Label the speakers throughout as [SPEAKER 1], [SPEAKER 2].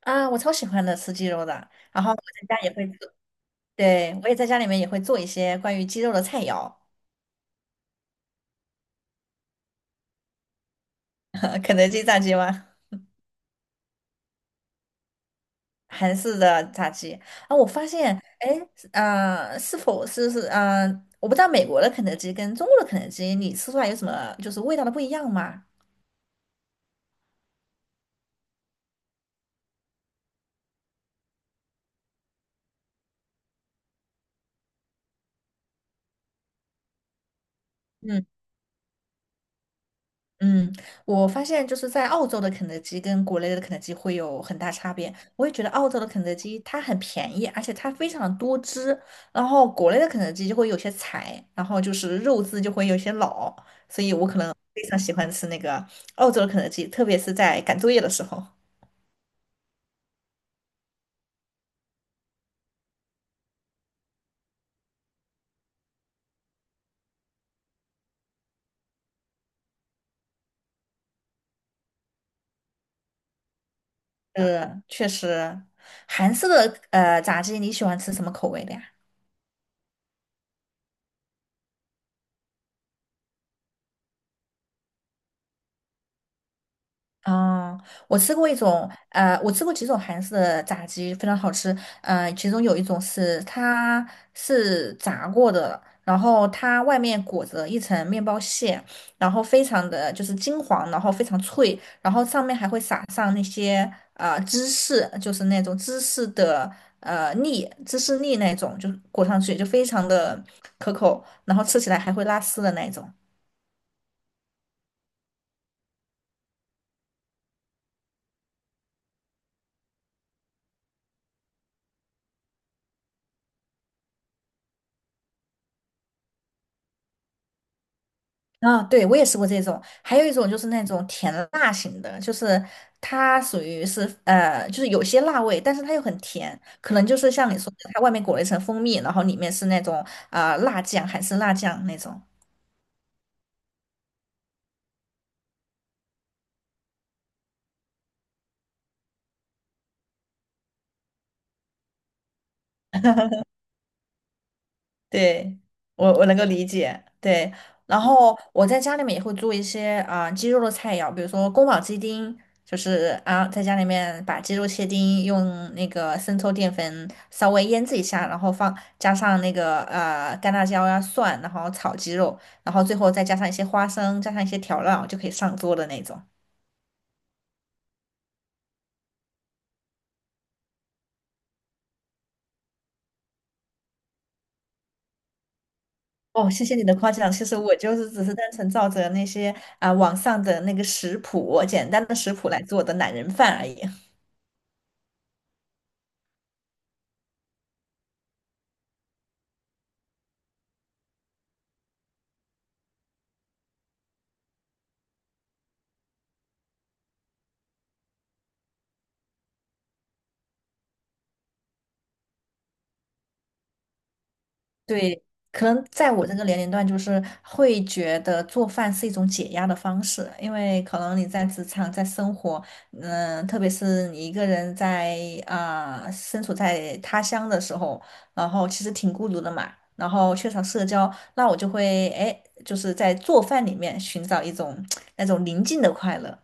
[SPEAKER 1] 我超喜欢的吃鸡肉的，然后我在家也会做，对，我也在家里面也会做一些关于鸡肉的菜肴。肯德基炸鸡吗？韩式的炸鸡啊，我发现，哎，是否是,我不知道美国的肯德基跟中国的肯德基，你吃出来有什么就是味道的不一样吗？嗯。嗯，我发现就是在澳洲的肯德基跟国内的肯德基会有很大差别。我也觉得澳洲的肯德基它很便宜，而且它非常多汁，然后国内的肯德基就会有些柴，然后就是肉质就会有些老，所以我可能非常喜欢吃那个澳洲的肯德基，特别是在赶作业的时候。确实，韩式的炸鸡你喜欢吃什么口味的呀？啊，我吃过一种，我吃过几种韩式的炸鸡，非常好吃。其中有一种是它是炸过的，然后它外面裹着一层面包屑，然后非常的就是金黄，然后非常脆，然后上面还会撒上那些芝士，就是那种芝士的粒，芝士粒那种，就裹上去就非常的可口，然后吃起来还会拉丝的那种。啊，对，我也吃过这种，还有一种就是那种甜辣型的，就是它属于是,就是有些辣味，但是它又很甜，可能就是像你说的，它外面裹了一层蜂蜜，然后里面是那种辣酱，韩式辣酱那种。对，我能够理解。对，然后我在家里面也会做一些鸡肉的菜肴，比如说宫保鸡丁，就是在家里面把鸡肉切丁，用那个生抽、淀粉稍微腌制一下，然后放加上那个干辣椒呀、蒜，然后炒鸡肉，然后最后再加上一些花生，加上一些调料就可以上桌的那种。哦，谢谢你的夸奖。其实我就是只是单纯照着那些网上的那个食谱，简单的食谱来做的懒人饭而已。对，可能在我这个年龄段，就是会觉得做饭是一种解压的方式，因为可能你在职场、在生活，嗯，特别是你一个人在身处在他乡的时候，然后其实挺孤独的嘛，然后缺少社交，那我就会哎，就是在做饭里面寻找一种 那种宁静的快乐。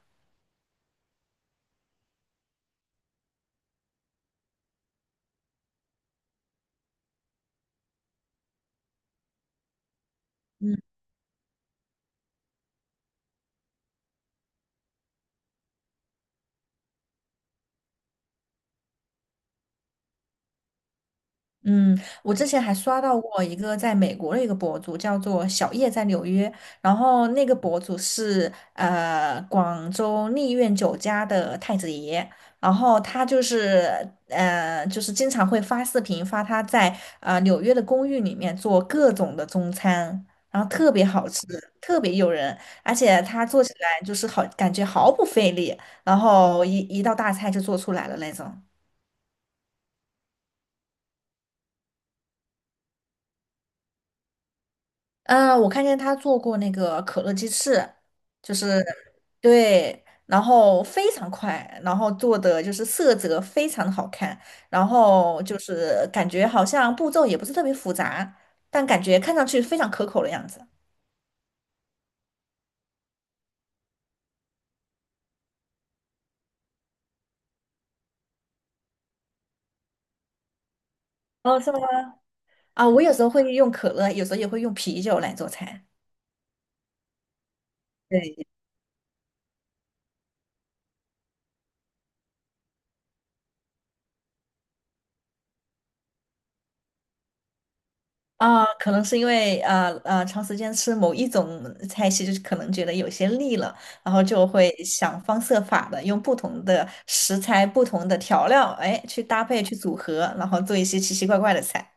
[SPEAKER 1] 嗯，我之前还刷到过一个在美国的一个博主，叫做小叶在纽约，然后那个博主是广州丽苑酒家的太子爷，然后他就是就是经常会发视频发他在纽约的公寓里面做各种的中餐，然后特别好吃，特别诱人，而且他做起来就是好感觉毫不费力，然后一道大菜就做出来了那种。嗯，我看见他做过那个可乐鸡翅，就是对，然后非常快，然后做的就是色泽非常的好看，然后就是感觉好像步骤也不是特别复杂，但感觉看上去非常可口的样子。哦，是吗？啊，我有时候会用可乐，有时候也会用啤酒来做菜。对，啊，可能是因为长时间吃某一种菜系，就是可能觉得有些腻了，然后就会想方设法的用不同的食材、不同的调料，哎，去搭配、去组合，然后做一些奇奇怪怪的菜。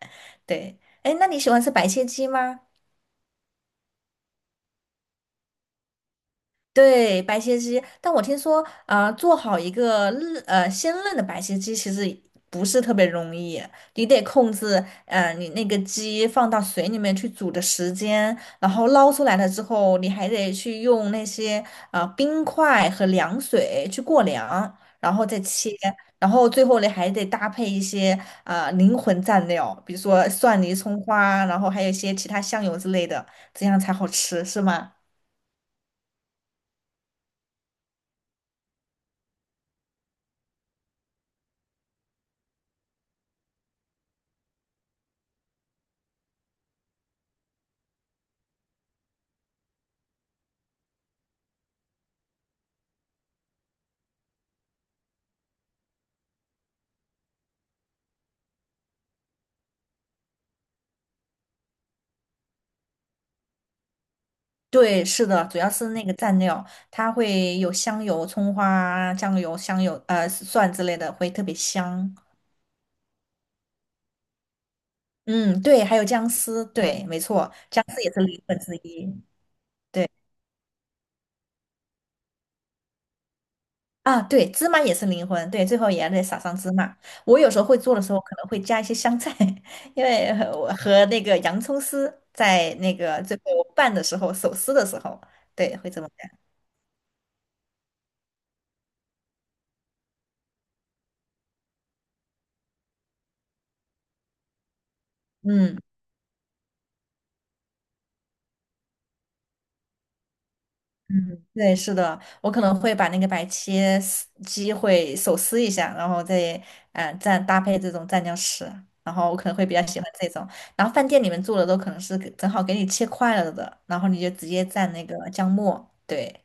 [SPEAKER 1] 对，哎，那你喜欢吃白切鸡吗？对，白切鸡，但我听说，啊，做好一个鲜嫩的白切鸡其实不是特别容易，你得控制，你那个鸡放到水里面去煮的时间，然后捞出来了之后，你还得去用那些冰块和凉水去过凉，然后再切，然后最后你还得搭配一些灵魂蘸料，比如说蒜泥、葱花，然后还有一些其他香油之类的，这样才好吃，是吗？对，是的，主要是那个蘸料，它会有香油、葱花啊、酱油、蒜之类的，会特别香。嗯，对，还有姜丝，对，没错，姜丝也是灵魂之一。对啊，对，芝麻也是灵魂，对，最后也得撒上芝麻。我有时候会做的时候，可能会加一些香菜，因为我和那个洋葱丝在那个最后拌的时候，手撕的时候，对，会这么干。嗯。嗯，对，是的，我可能会把那个白切丝鸡会手撕一下，然后再蘸搭配这种蘸酱吃，然后我可能会比较喜欢这种。然后饭店里面做的都可能是给正好给你切块了的，然后你就直接蘸那个姜末。对，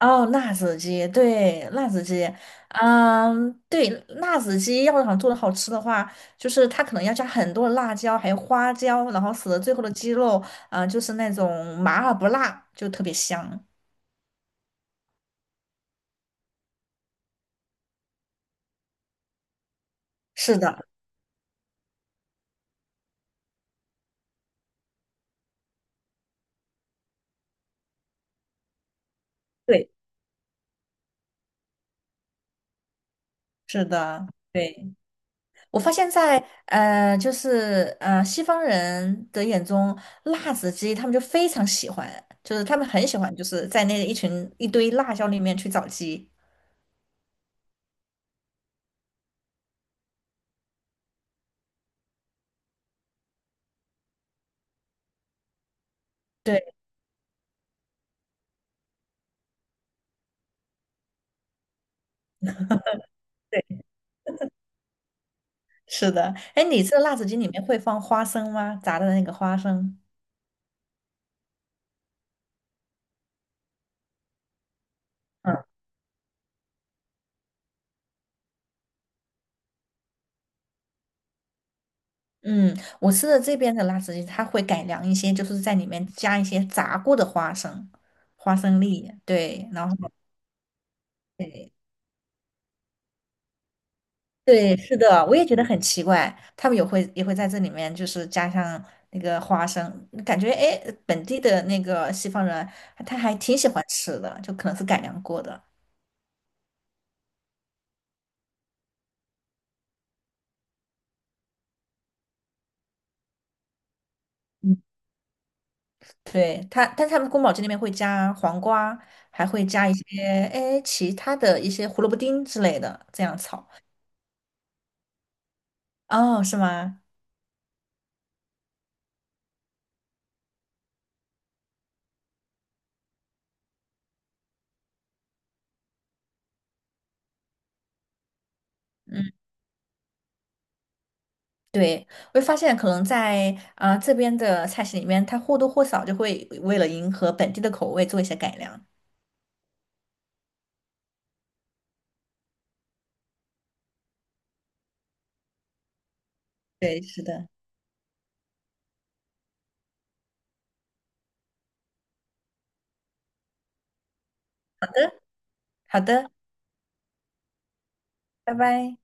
[SPEAKER 1] 哦，辣子鸡，对，辣子鸡，嗯，对，辣子鸡要想做的好吃的话，就是它可能要加很多的辣椒，还有花椒，然后使得最后的鸡肉，就是那种麻而不辣，就特别香。是的，对，是的，对，我发现在，西方人的眼中，辣子鸡他们就非常喜欢，就是他们很喜欢，就是在那一群一堆辣椒里面去找鸡。对对，是的。哎，你吃的辣子鸡里面会放花生吗？炸的那个花生？嗯嗯，我吃的这边的辣子鸡，它会改良一些，就是在里面加一些炸过的花生、花生粒，对，然后对。对，是的，我也觉得很奇怪，他们也会在这里面就是加上那个花生，感觉哎，诶本地的那个西方人他还挺喜欢吃的，就可能是改良过的。嗯，对，他，但他们宫保鸡丁里面会加黄瓜，还会加一些哎其他的一些胡萝卜丁之类的，这样炒。哦，是吗？嗯，对，我就发现可能在这边的菜系里面，它或多或少就会为了迎合本地的口味做一些改良。对，是的。好的，拜拜。